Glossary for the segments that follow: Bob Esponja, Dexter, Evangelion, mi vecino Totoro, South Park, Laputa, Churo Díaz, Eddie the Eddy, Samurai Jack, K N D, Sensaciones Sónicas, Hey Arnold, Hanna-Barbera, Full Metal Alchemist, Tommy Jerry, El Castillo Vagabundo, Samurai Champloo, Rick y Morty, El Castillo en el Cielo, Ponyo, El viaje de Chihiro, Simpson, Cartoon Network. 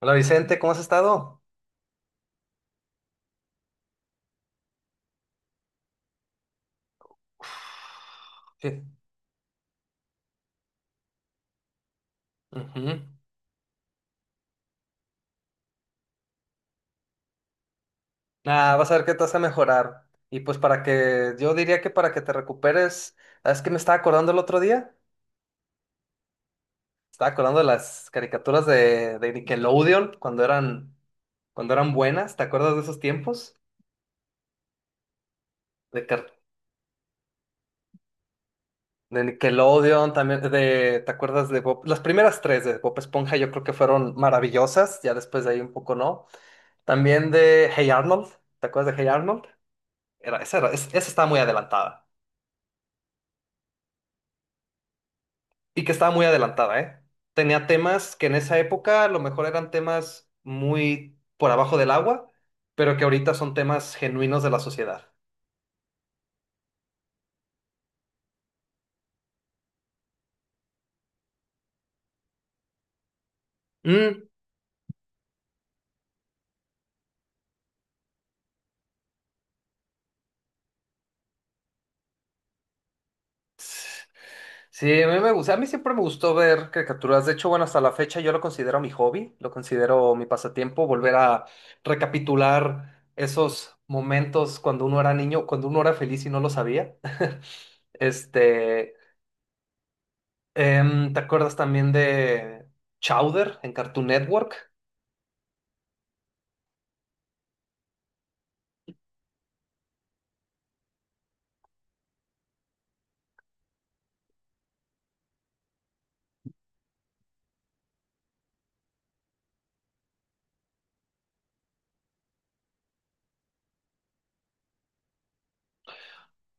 Hola Vicente, ¿cómo has estado? Sí. Ujú. Ah, vas a ver que te vas a mejorar. Y pues para que, yo diría que para que te recuperes, ¿sabes que me estaba acordando el otro día? Estaba acordando de las caricaturas de Nickelodeon cuando eran buenas, ¿te acuerdas de esos tiempos? De, car- de Nickelodeon, ¿te acuerdas de Bob? Las primeras tres de Bob Esponja yo creo que fueron maravillosas, ya después de ahí un poco no. También de Hey Arnold, ¿te acuerdas de Hey Arnold? Era, esa, era- es- Esa estaba muy adelantada. Y que estaba muy adelantada, ¿eh? Tenía temas que en esa época a lo mejor eran temas muy por abajo del agua, pero que ahorita son temas genuinos de la sociedad. Mm, s- sí, a mí me gusta. A mí siempre me gustó ver caricaturas. De hecho, bueno, hasta la fecha yo lo considero mi hobby, lo considero mi pasatiempo, volver a recapitular esos momentos cuando uno era niño, cuando uno era feliz y no lo sabía. Este, ¿te acuerdas también de Chowder en Cartoon Network?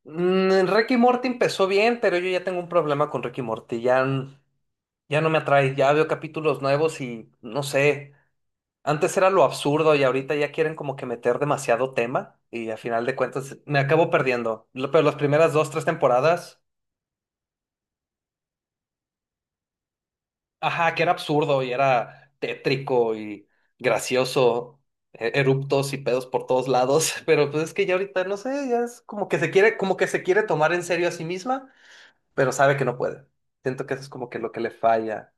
Rick y Morty empezó bien, pero yo ya tengo un problema con Rick y Morty. Ya, ya no me atrae. Ya veo capítulos nuevos y no sé. Antes era lo absurdo y ahorita ya quieren como que meter demasiado tema y a final de cuentas me acabo perdiendo. Pero las primeras dos, tres temporadas. Ajá, que era absurdo y era tétrico y gracioso, eruptos y pedos por todos lados. Pero pues es que ya ahorita no sé, ya es como que se quiere, como que se quiere tomar en serio a sí misma, pero sabe que no puede. Siento que eso es como que lo que le falla.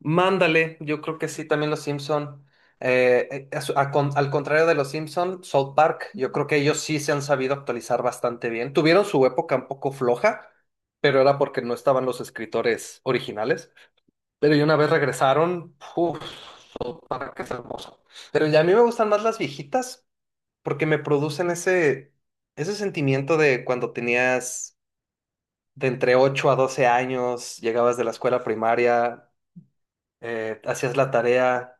Mándale, yo creo que sí, también los Simpson. A su- a con- Al contrario de los Simpson, South Park, yo creo que ellos sí se han sabido actualizar bastante bien. Tuvieron su época un poco floja, pero era porque no estaban los escritores originales. Pero y una vez regresaron, uff, para que es hermoso. Pero ya a mí me gustan más las viejitas porque me producen ese, ese sentimiento de cuando tenías de entre 8 a 12 años, llegabas de la escuela primaria, hacías la tarea,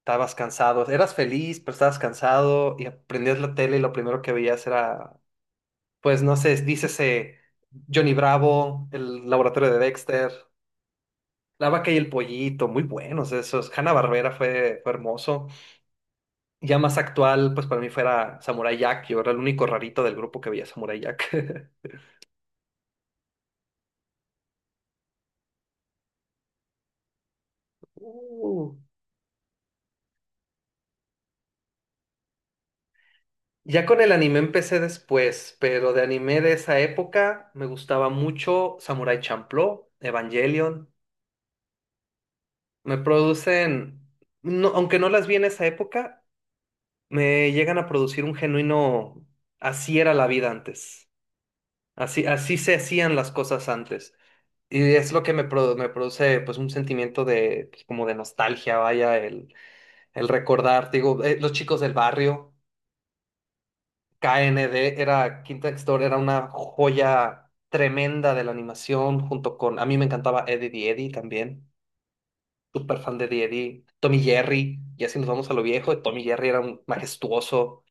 estabas cansado, eras feliz, pero estabas cansado y aprendías la tele y lo primero que veías era, pues no sé, dícese Johnny Bravo, el laboratorio de Dexter. La vaca y el pollito, muy buenos esos. Hanna-Barbera fue hermoso. Ya más actual, pues para mí fuera Samurai Jack. Yo era el único rarito del grupo que veía Samurai Jack. Uh. Ya con el anime empecé después, pero de anime de esa época me gustaba mucho Samurai Champloo, Evangelion. Me producen, no, aunque no las vi en esa época, me llegan a producir un genuino, así era la vida antes. Así, así se hacían las cosas antes. Y es lo que me produce pues un sentimiento de pues, como de nostalgia, vaya, el recordar, te digo, los chicos del barrio, KND era Quinta Store, era una joya tremenda de la animación, junto con, a mí me encantaba Eddie the Eddy también, súper fan de Eddie Eddy, Tommy Jerry, y así nos vamos a lo viejo, Tommy Jerry era un majestuoso.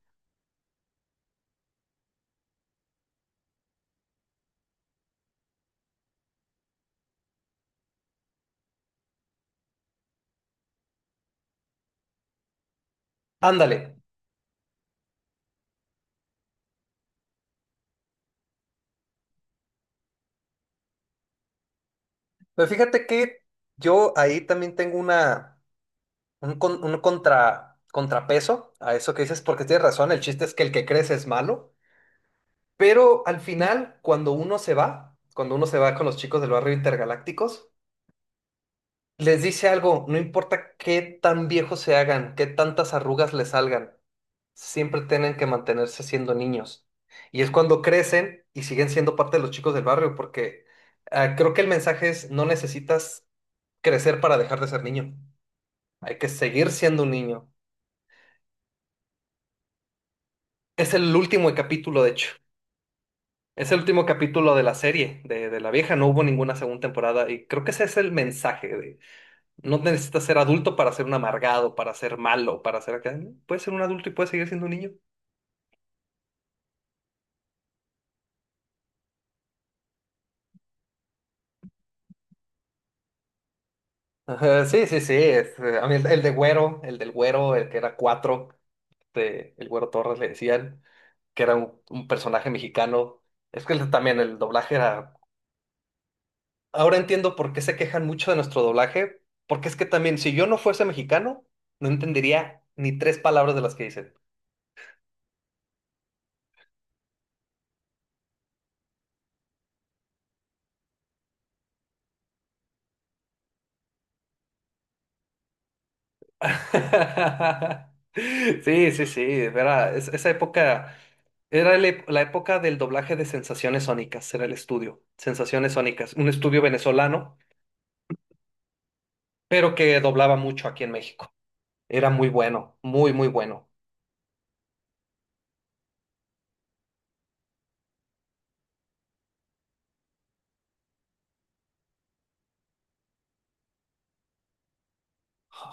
Ándale, pero fíjate que yo ahí también tengo una. Un contrapeso a eso que dices, porque tienes razón, el chiste es que el que crece es malo, pero al final, cuando uno se va con los chicos del barrio intergalácticos, les dice algo, no importa qué tan viejos se hagan, qué tantas arrugas les salgan, siempre tienen que mantenerse siendo niños. Y es cuando crecen y siguen siendo parte de los chicos del barrio, porque ah, creo que el mensaje es, no necesitas crecer para dejar de ser niño, hay que seguir siendo un niño. Es el último capítulo, de hecho. Es el último capítulo de la serie, de la vieja. No hubo ninguna segunda temporada. Y creo que ese es el mensaje de no necesitas ser adulto para ser un amargado, para ser malo, para ser acá. Puedes ser un adulto y puedes seguir siendo un niño. Ajá, sí, sí, sí. Es a mí el de Güero, el del Güero, el que era cuatro, el Güero Torres le decían, que era un personaje mexicano. Es que también el doblaje era. Ahora entiendo por qué se quejan mucho de nuestro doblaje, porque es que también si yo no fuese mexicano, no entendería ni tres palabras de las que dicen. Sí, sí, sí, era, esa época era la época del doblaje de Sensaciones Sónicas, era el estudio, Sensaciones Sónicas, un estudio venezolano, pero que doblaba mucho aquí en México. Era muy bueno, muy, muy bueno.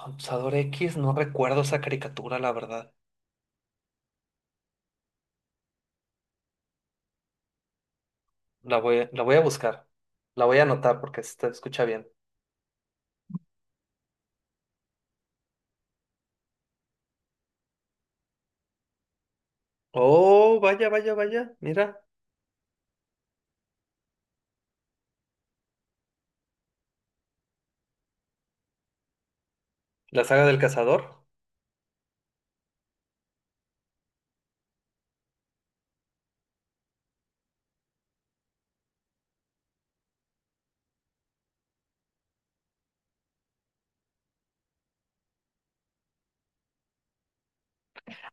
Abusador X, no recuerdo esa caricatura, la verdad. La voy a buscar, la voy a anotar porque se escucha bien. Oh, vaya, vaya, vaya. Mira, la saga del cazador.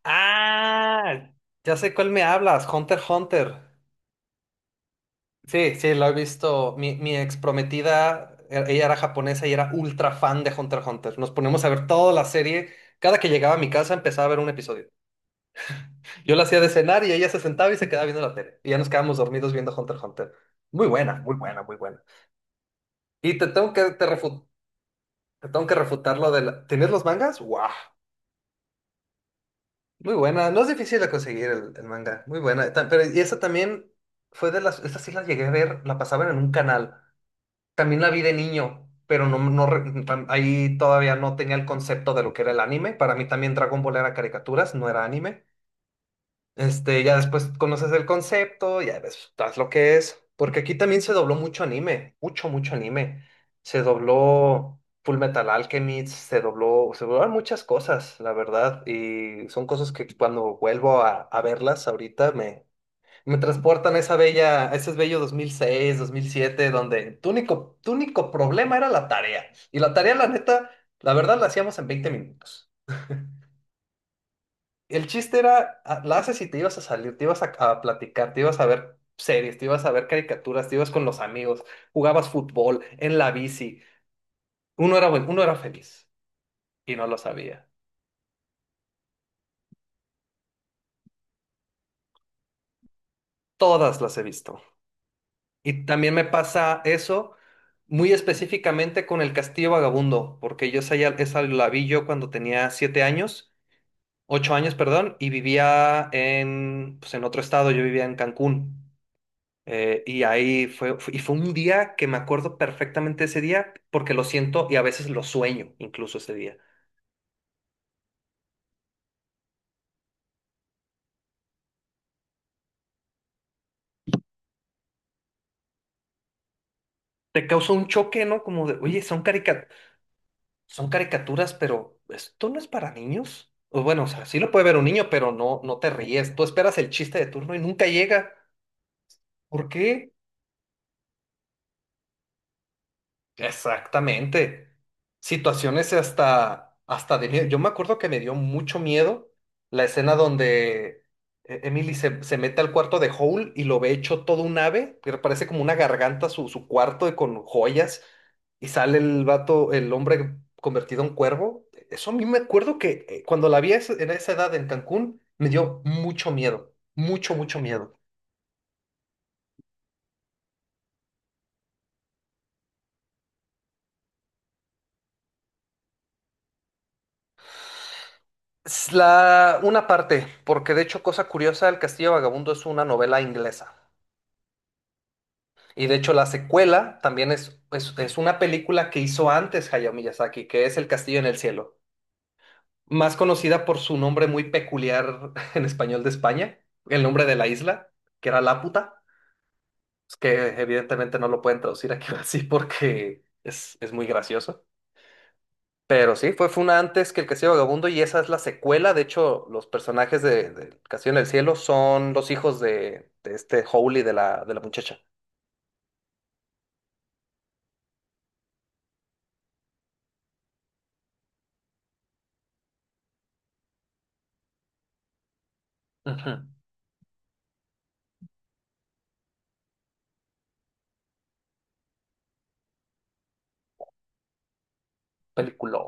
Ah, ya sé cuál me hablas, Hunter x Hunter. Sí, sí, lo he visto. Mi ex prometida, ella era japonesa y era ultra fan de Hunter x Hunter. Nos poníamos a ver toda la serie. Cada que llegaba a mi casa empezaba a ver un episodio. Yo la hacía de cenar y ella se sentaba y se quedaba viendo la tele. Y ya nos quedábamos dormidos viendo Hunter x Hunter. Muy buena, muy buena, muy buena. Y te tengo que refutar lo de la... ¿Tienes los mangas? ¡Guau! Muy buena, no es difícil de conseguir el manga, muy buena. Pero y esa también fue de las, esta sí la llegué a ver, la pasaban en un canal. También la vi de niño, pero no, ahí todavía no tenía el concepto de lo que era el anime. Para mí también Dragon Ball era caricaturas, no era anime. Este, ya después conoces el concepto, ya ves, sabes lo que es. Porque aquí también se dobló mucho anime, mucho, mucho anime. Se dobló Full Metal Alchemist, se doblaron muchas cosas, la verdad. Y son cosas que cuando vuelvo a verlas ahorita me transportan a a ese bello 2006, 2007, donde tu único problema era la tarea. Y la tarea, la neta, la verdad, la hacíamos en 20 minutos. El chiste era, ah, la haces y te ibas a salir, te ibas a platicar, te ibas a ver series, te ibas a ver caricaturas, te ibas con los amigos, jugabas fútbol, en la bici. Uno era bueno, uno era feliz y no lo sabía. Todas las he visto. Y también me pasa eso muy específicamente con El Castillo Vagabundo, porque yo esa la vi yo cuando tenía 7 años, 8 años, perdón, y vivía en, pues en otro estado, yo vivía en Cancún. Y ahí y fue un día que me acuerdo perfectamente ese día porque lo siento y a veces lo sueño incluso ese día. Te causa un choque, ¿no? Como de, oye, son son caricaturas, pero esto no es para niños. O bueno, o sea, sí lo puede ver un niño, pero no, no te ríes. Tú esperas el chiste de turno y nunca llega. ¿Por qué? Exactamente. Situaciones hasta de miedo. Yo me acuerdo que me dio mucho miedo la escena donde Emily se mete al cuarto de Hole y lo ve hecho todo un ave, que parece como una garganta su cuarto y con joyas, y sale el vato, el hombre convertido en cuervo. Eso a mí me acuerdo que cuando la vi a en esa edad en Cancún, me dio mucho miedo, mucho, mucho miedo. Es una parte, porque de hecho, cosa curiosa, El Castillo Vagabundo es una novela inglesa. Y de hecho, la secuela también es una película que hizo antes Hayao Miyazaki, que es El Castillo en el Cielo. Más conocida por su nombre muy peculiar en español de España, el nombre de la isla, que era Laputa. Es que evidentemente no lo pueden traducir aquí así porque es muy gracioso. Pero sí, fue una antes que El Castillo Vagabundo y esa es la secuela. De hecho, los personajes de El Castillo en el Cielo son los hijos de este Howley de la muchacha. Ujú. Película.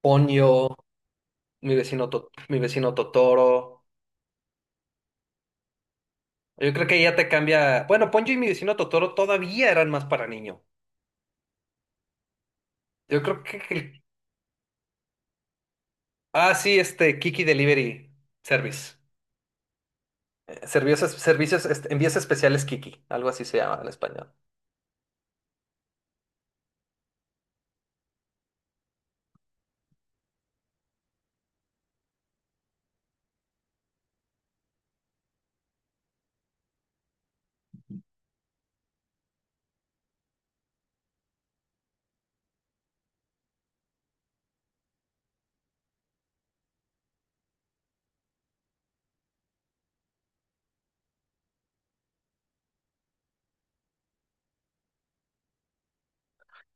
Ponyo, mi vecino Totoro. Yo creo que ya te cambia. Bueno, Ponyo y mi vecino Totoro todavía eran más para niño. Yo creo que. Ah, sí, este Kiki Delivery Service. Servicios, este, envíos especiales Kiki, algo así se llama en español.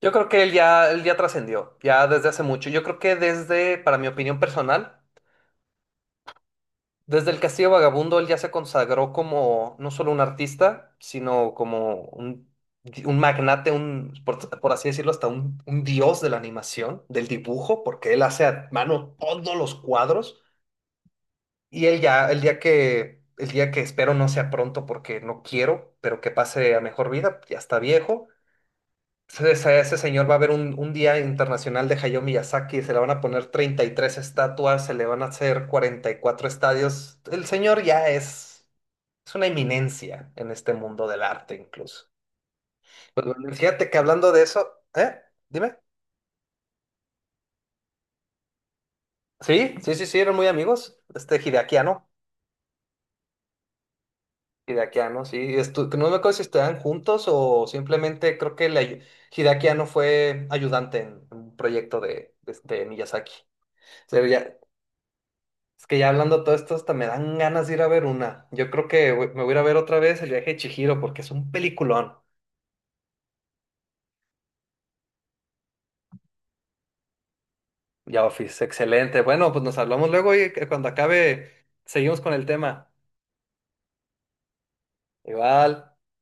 Yo creo que él ya trascendió, ya desde hace mucho. Yo creo que desde, para mi opinión personal, desde el Castillo Vagabundo, él ya se consagró como no solo un artista, sino como un, magnate, un, por así decirlo, hasta un dios de la animación, del dibujo, porque él hace a mano todos los cuadros. Y él ya, el día que espero no sea pronto porque no quiero, pero que pase a mejor vida, ya está viejo. Ese señor, va a haber un día internacional de Hayao Miyazaki, se le van a poner 33 estatuas, se le van a hacer 44 estadios. El señor ya es una eminencia en este mundo del arte incluso. Pues bueno, fíjate que hablando de eso, ¿eh? Dime. Sí, sí, sí, sí, eran muy amigos. Este Hideaki Anno, Hideaki Anno, sí. Que no me acuerdo si estudiaban juntos o simplemente creo que Hideaki Anno fue ayudante en un proyecto de Miyazaki. Es que ya hablando de todo esto, hasta me dan ganas de ir a ver una. Yo creo que me voy a ir a ver otra vez El viaje de Chihiro porque es un peliculón. Ya, Office, excelente. Bueno, pues nos hablamos luego y que cuando acabe seguimos con el tema. Igual.